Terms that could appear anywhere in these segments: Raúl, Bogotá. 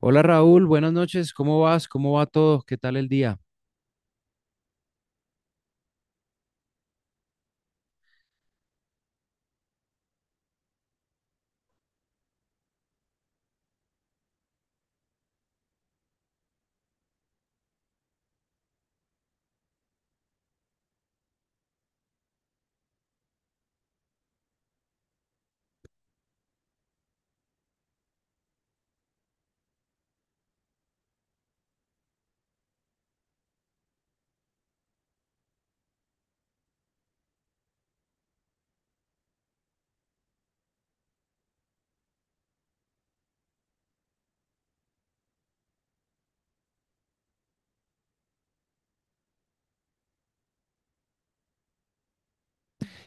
Hola Raúl, buenas noches, ¿cómo vas? ¿Cómo va todo? ¿Qué tal el día?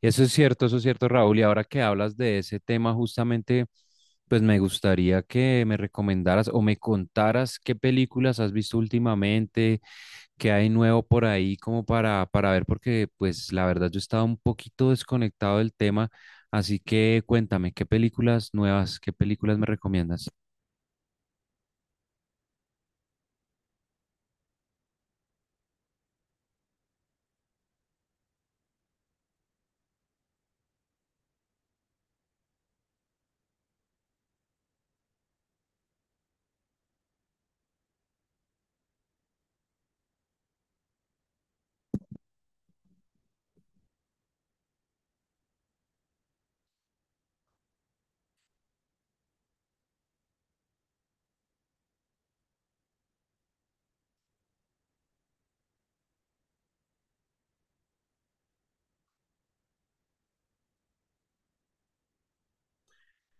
Eso es cierto Raúl, y ahora que hablas de ese tema justamente, pues me gustaría que me recomendaras o me contaras qué películas has visto últimamente, qué hay nuevo por ahí como para ver, porque pues la verdad yo estaba un poquito desconectado del tema, así que cuéntame, ¿qué películas nuevas, qué películas me recomiendas?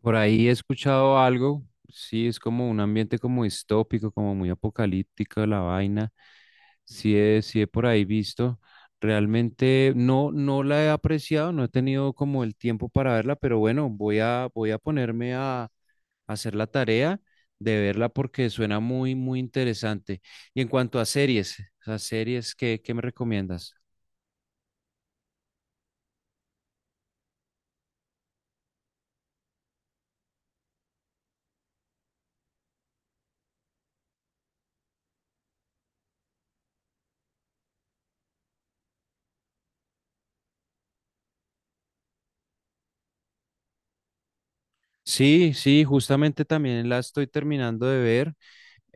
Por ahí he escuchado algo, sí, es como un ambiente como distópico, como muy apocalíptico la vaina. Sí he por ahí visto. Realmente no, no la he apreciado, no he tenido como el tiempo para verla, pero bueno, voy a ponerme a hacer la tarea de verla porque suena muy, muy interesante. Y en cuanto a series, ¿qué, qué me recomiendas? Sí, sí, justamente también la estoy terminando de ver.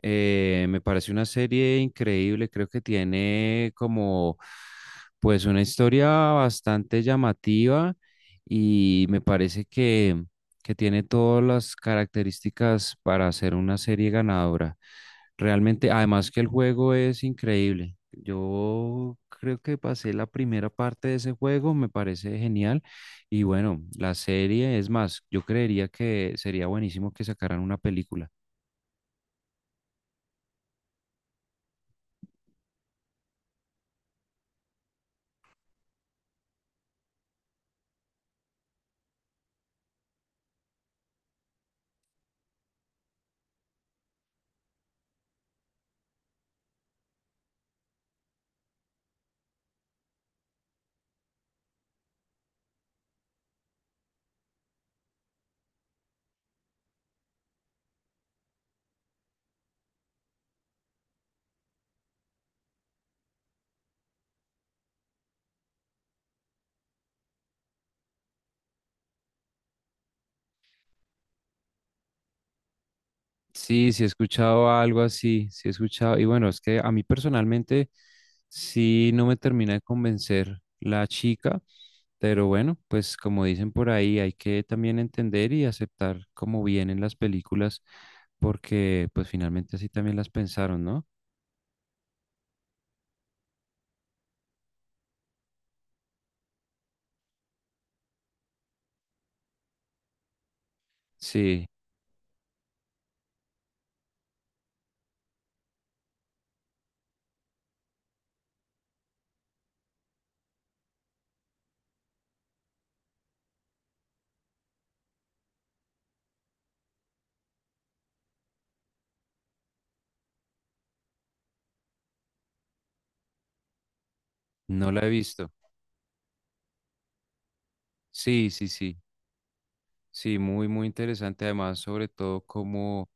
Me parece una serie increíble, creo que tiene como pues una historia bastante llamativa y me parece que tiene todas las características para ser una serie ganadora. Realmente, además que el juego es increíble. Yo creo que pasé la primera parte de ese juego, me parece genial. Y bueno, la serie, es más, yo creería que sería buenísimo que sacaran una película. Sí, sí he escuchado algo así, sí he escuchado, y bueno, es que a mí personalmente sí no me termina de convencer la chica, pero bueno, pues como dicen por ahí, hay que también entender y aceptar cómo vienen las películas, porque pues finalmente así también las pensaron, ¿no? Sí, no la he visto. Sí, sí, sí. Sí, muy, muy interesante. Además, sobre todo como,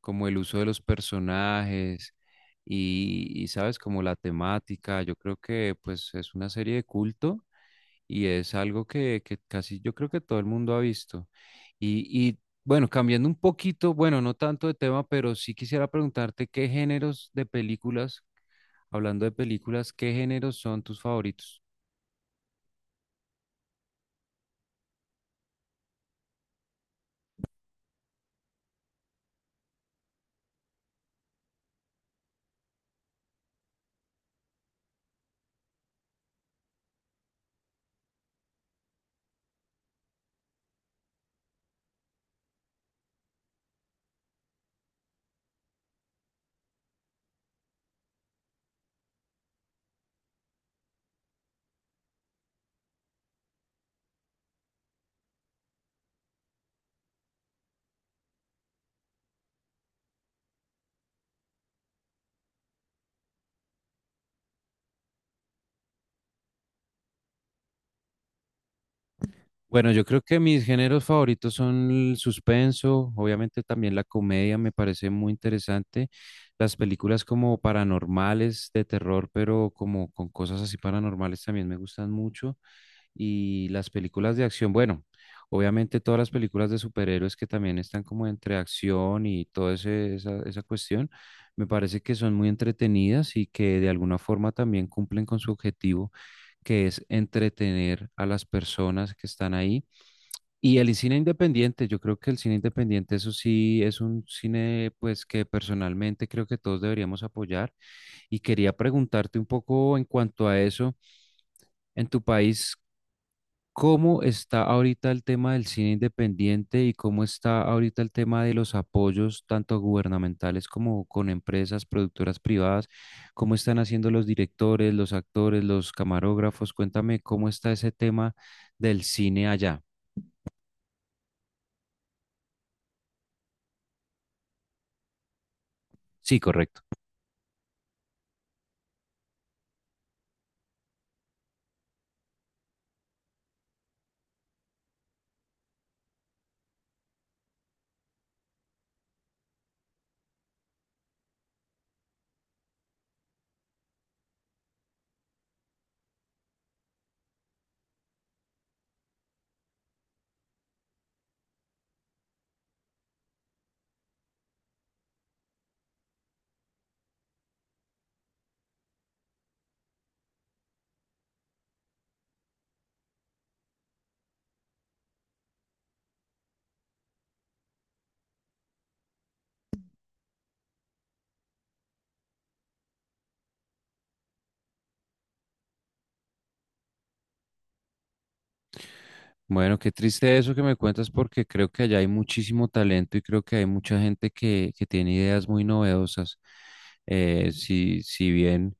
como el uso de los personajes y, sabes, como la temática. Yo creo que pues es una serie de culto y es algo que casi yo creo que todo el mundo ha visto. Y bueno, cambiando un poquito, bueno, no tanto de tema, pero sí quisiera preguntarte qué géneros de películas, hablando de películas, qué géneros son tus favoritos. Bueno, yo creo que mis géneros favoritos son el suspenso, obviamente también la comedia me parece muy interesante, las películas como paranormales de terror, pero como con cosas así paranormales también me gustan mucho, y las películas de acción, bueno, obviamente todas las películas de superhéroes que también están como entre acción y toda esa, esa cuestión, me parece que son muy entretenidas y que de alguna forma también cumplen con su objetivo, que es entretener a las personas que están ahí y el cine independiente, yo creo que el cine independiente, eso sí, es un cine pues que personalmente creo que todos deberíamos apoyar. Y quería preguntarte un poco en cuanto a eso, en tu país, ¿cómo está ahorita el tema del cine independiente y cómo está ahorita el tema de los apoyos, tanto gubernamentales como con empresas, productoras privadas? ¿Cómo están haciendo los directores, los actores, los camarógrafos? Cuéntame cómo está ese tema del cine allá. Sí, correcto. Bueno, qué triste eso que me cuentas porque creo que allá hay muchísimo talento y creo que hay mucha gente que tiene ideas muy novedosas. Si, si bien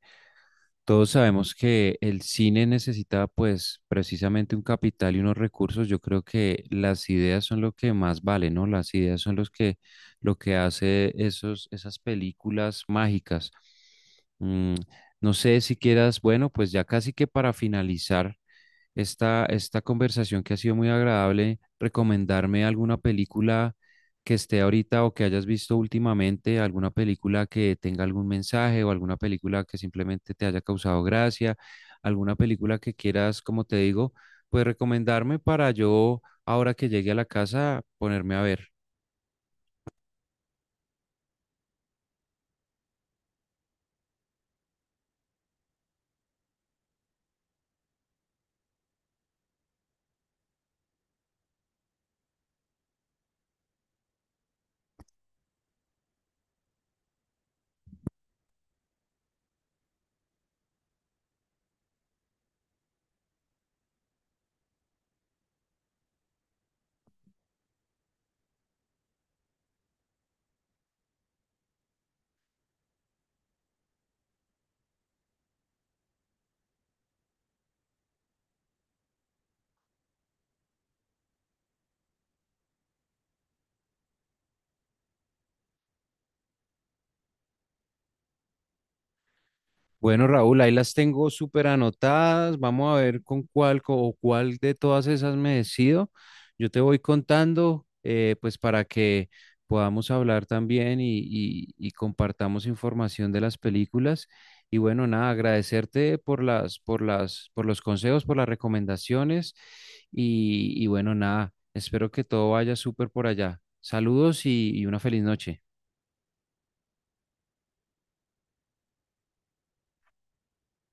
todos sabemos que el cine necesita pues precisamente un capital y unos recursos. Yo creo que las ideas son lo que más vale, ¿no? Las ideas son los que lo que hace esos esas películas mágicas. Mm, no sé si quieras, bueno, pues ya casi que para finalizar esta conversación que ha sido muy agradable, recomendarme alguna película que esté ahorita o que hayas visto últimamente alguna película que tenga algún mensaje o alguna película que simplemente te haya causado gracia, alguna película que quieras, como te digo, pues recomendarme para yo, ahora que llegue a la casa, ponerme a ver. Bueno, Raúl, ahí las tengo súper anotadas. Vamos a ver con cuál co- o cuál de todas esas me decido. Yo te voy contando, pues para que podamos hablar también y compartamos información de las películas. Y bueno, nada, agradecerte por por los consejos, por las recomendaciones. Y bueno, nada, espero que todo vaya súper por allá. Saludos y una feliz noche.